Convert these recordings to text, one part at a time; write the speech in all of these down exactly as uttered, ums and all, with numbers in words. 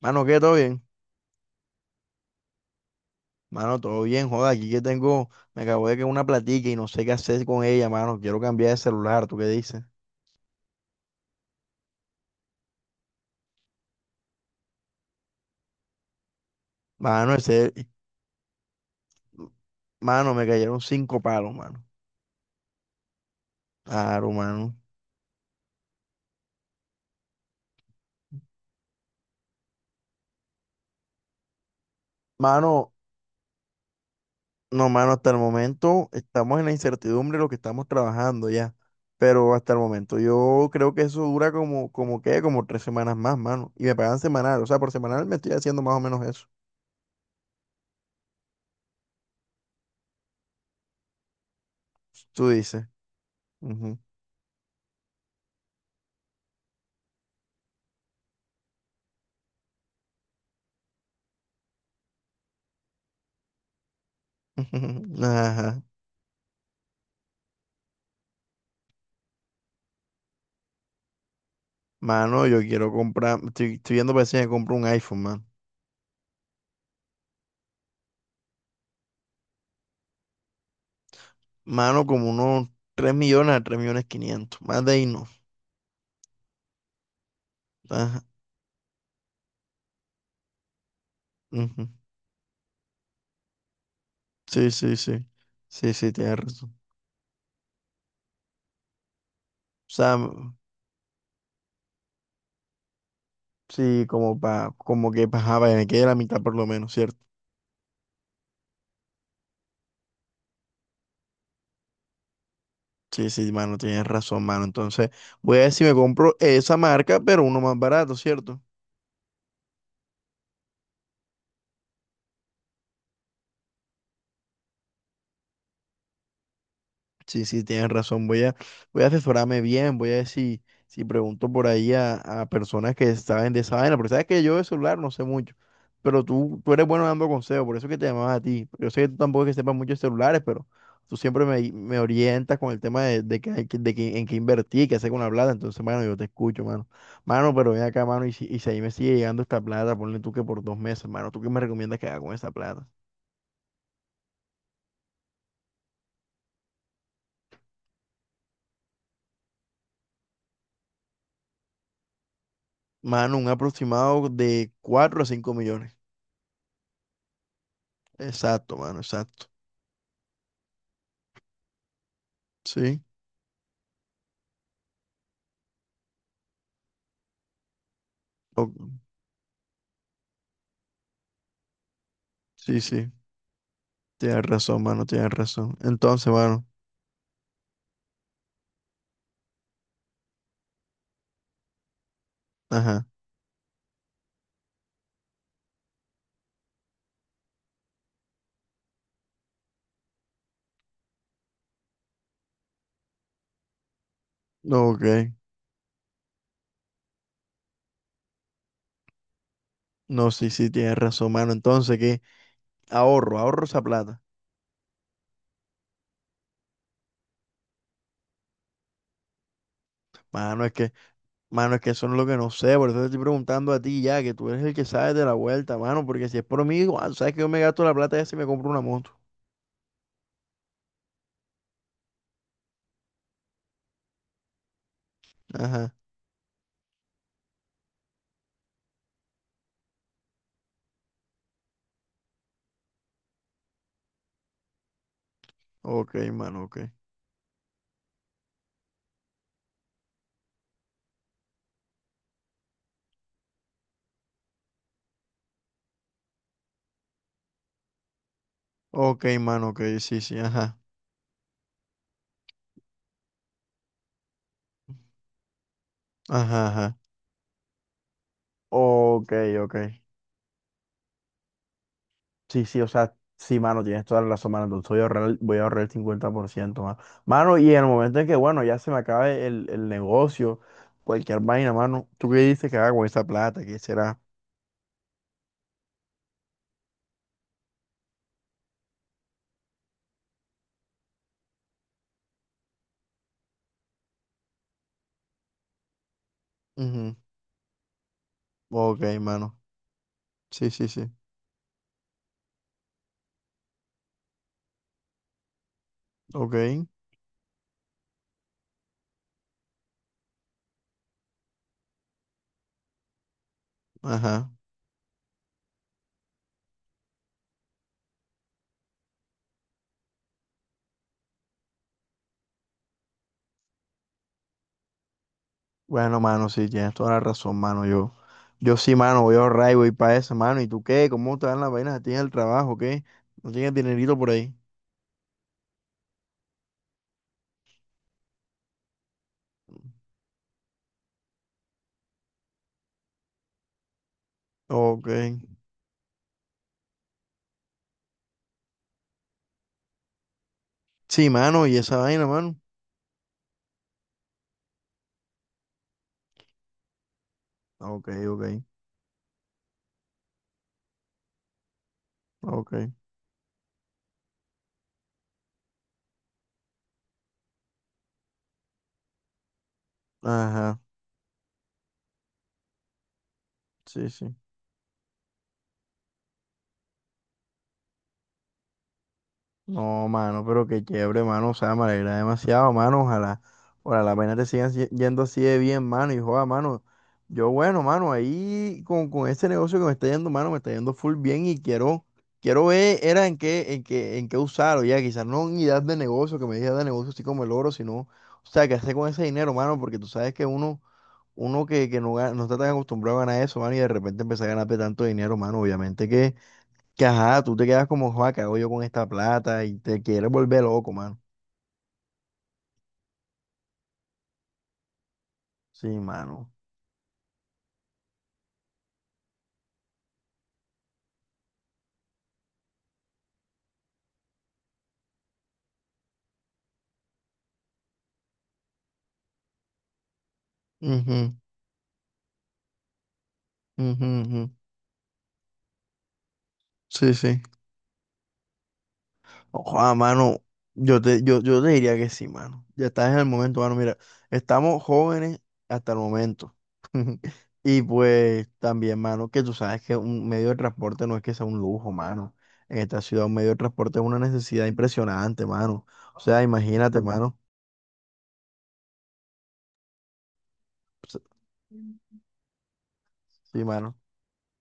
Mano, ¿qué? ¿Todo bien? Mano, todo bien, joda. Aquí que tengo, me acabo de caer una platica y no sé qué hacer con ella, mano. Quiero cambiar de celular, ¿tú qué dices? Mano, ese, mano, me cayeron cinco palos, mano. Claro, mano. Mano, no, mano, hasta el momento estamos en la incertidumbre de lo que estamos trabajando ya. Pero hasta el momento yo creo que eso dura como, como qué, como tres semanas más, mano. Y me pagan semanal, o sea, por semanal me estoy haciendo más o menos eso. Tú dices. Ujú. Ajá. Mano, yo quiero comprar, estoy, estoy viendo para ver si me compro un iPhone, mano. Mano, como unos tres millones a tres millones quinientos. Más de ahí no. Ajá, ujú. Sí, sí, sí. Sí, sí, tienes razón. O sea, m- sí, como pa, como que para, me quede la mitad por lo menos, ¿cierto? Sí, sí, mano, tienes razón, mano. Entonces, voy a ver si me compro esa marca, pero uno más barato, ¿cierto? Sí, sí, tienes razón. Voy a, voy a asesorarme bien, voy a ver si, si pregunto por ahí a, a personas que saben de esa vaina, porque sabes que yo de celular no sé mucho, pero tú, tú eres bueno dando consejos, por eso es que te llamaba a ti. Yo sé que tú tampoco es que sepas mucho de celulares, pero tú siempre me, me orientas con el tema de, de, que, hay que- de que- en qué invertir, qué hacer con la plata, entonces, mano, yo te escucho, mano. Mano, pero ven acá, mano, y si, y si ahí me sigue llegando esta plata, ponle tú que por dos meses, mano, ¿tú qué me recomiendas que haga con esa plata? Mano, un aproximado de cuatro a cinco millones. Exacto, mano, exacto. Sí, o- sí, sí, tienes razón, mano, tienes razón. Entonces, mano, ajá, no, ok. No, sí, sí, tienes razón, mano. Entonces, ¿qué? Ahorro, ahorro esa plata. Mano, es que, mano, es que eso no es lo que no sé, por eso te estoy preguntando a ti ya, que tú eres el que sabes de la vuelta, mano, porque si es por mí, igual, sabes que yo me gasto la plata esa y me compro una moto. Ajá, ok, mano, ok. Ok, mano, ok, sí, sí, ajá, ajá, ajá. Ok, ok. Sí, sí, o sea, sí, mano, tienes toda la razón, mano. Entonces voy a ahorrar, voy a ahorrar el cincuenta por ciento mano. Mano, y en el momento en que, bueno, ya se me acabe el, el negocio, cualquier vaina, mano, ¿tú qué dices que haga con esa plata? ¿Qué será? Ujú. Ok, mano. Sí, sí, sí. Ok, ajá. Bueno, mano, sí, tienes toda la razón, mano. Yo, yo sí, mano, voy a ahorrar y voy para eso, mano. ¿Y tú qué? ¿Cómo te dan las vainas a ti en el trabajo? ¿Qué? ¿No tienes dinerito por ahí? Ok. Sí, mano, y esa vaina, mano. Ok, ok, ok. Ajá, sí, sí. No, mano, pero qué chévere, mano. O sea, me alegra demasiado, mano. Ojalá, ojalá las vainas te sigan si- yendo así de bien, mano. Y joda, mano. Yo, bueno, mano, ahí con, con este negocio que me está yendo, mano, me está yendo full bien y quiero, quiero ver, era en qué, en qué, en qué usarlo, ya. Quizás no unidad de negocio, que me digas de negocio así como el oro, sino, o sea, qué hacer con ese dinero, mano, porque tú sabes que uno, uno que, que no, gana- no está tan acostumbrado a ganar eso, mano, y de repente empezar a ganar tanto dinero, mano, obviamente que. Que ajá, tú te quedas como, joa, ¿qué hago yo con esta plata? Y te quieres volver loco, mano. Sí, mano. Ujú, ujú, ujú. Sí, sí. Ojalá, mano. Yo te, yo, yo te diría que sí, mano. Ya estás en el momento, mano. Mira, estamos jóvenes hasta el momento. Y pues también, mano, que tú sabes que un medio de transporte no es que sea un lujo, mano. En esta ciudad un medio de transporte es una necesidad impresionante, mano. O sea, imagínate, mano. Sí, mano.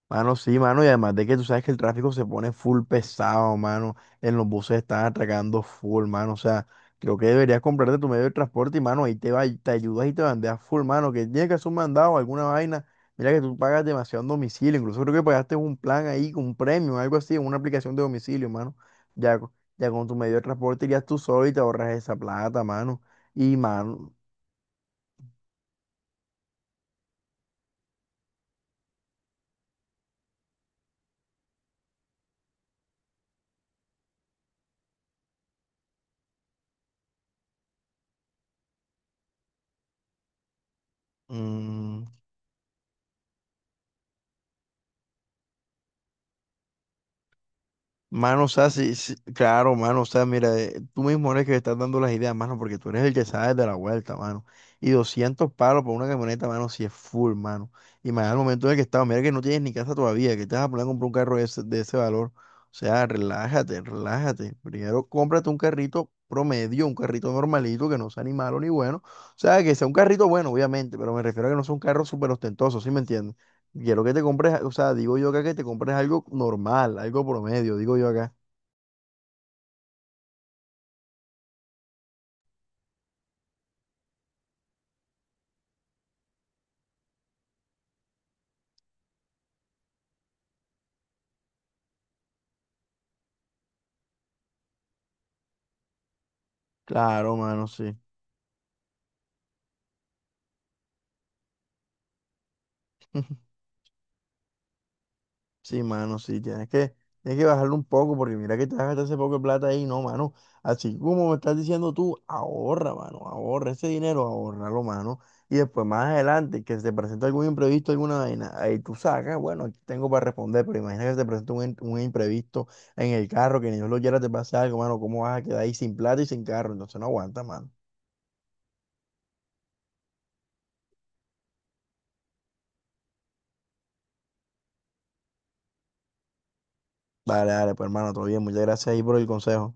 Mano, sí, mano, y además de que tú sabes que el tráfico se pone full pesado, mano, en los buses están atracando full, mano, o sea, creo que deberías comprarte tu medio de transporte y, mano, ahí te va, te ayudas y te bandeas full, mano, que tienes que hacer un mandado o alguna vaina, mira que tú pagas demasiado en domicilio, incluso creo que pagaste un plan ahí, con un premio, algo así, en una aplicación de domicilio, mano, ya, co- ya con tu medio de transporte irías tú solo y te ahorras esa plata, mano, y, mano, mm, Mano, o sea, sí, sí, claro, mano, o sea, mira, eh, tú mismo eres que le estás dando las ideas, mano, porque tú eres el que sabe de la vuelta, mano. Y doscientos palos por una camioneta, mano, si es full, mano. Y más al momento en el que estaba, mira que no tienes ni casa todavía, que te vas a poner a comprar un carro de ese, de ese valor. O sea, relájate, relájate. Primero cómprate un carrito promedio, un carrito normalito, que no sea ni malo ni bueno. O sea, que sea un carrito bueno, obviamente, pero me refiero a que no sea un carro súper ostentoso, ¿sí me entiendes? Quiero que te compres, o sea, digo yo acá que te compres algo normal, algo promedio, digo yo acá. Claro, mano, sí. Sí, mano, sí, tienes que, tienes que bajarlo un poco porque mira que te vas a gastar ese poco de plata ahí, no, mano. Así como me estás diciendo tú, ahorra, mano, ahorra ese dinero, ahorralo, mano. Y después más adelante, que se te presente algún imprevisto, alguna vaina, ahí tú sacas, bueno, aquí tengo para responder, pero imagina que se te presenta un, in- un imprevisto en el carro, que ni Dios lo quiera te pase algo, mano, ¿cómo vas a quedar ahí sin plata y sin carro? Entonces no aguanta, mano. Dale, dale, pues hermano, todo bien. Muchas gracias ahí por el consejo.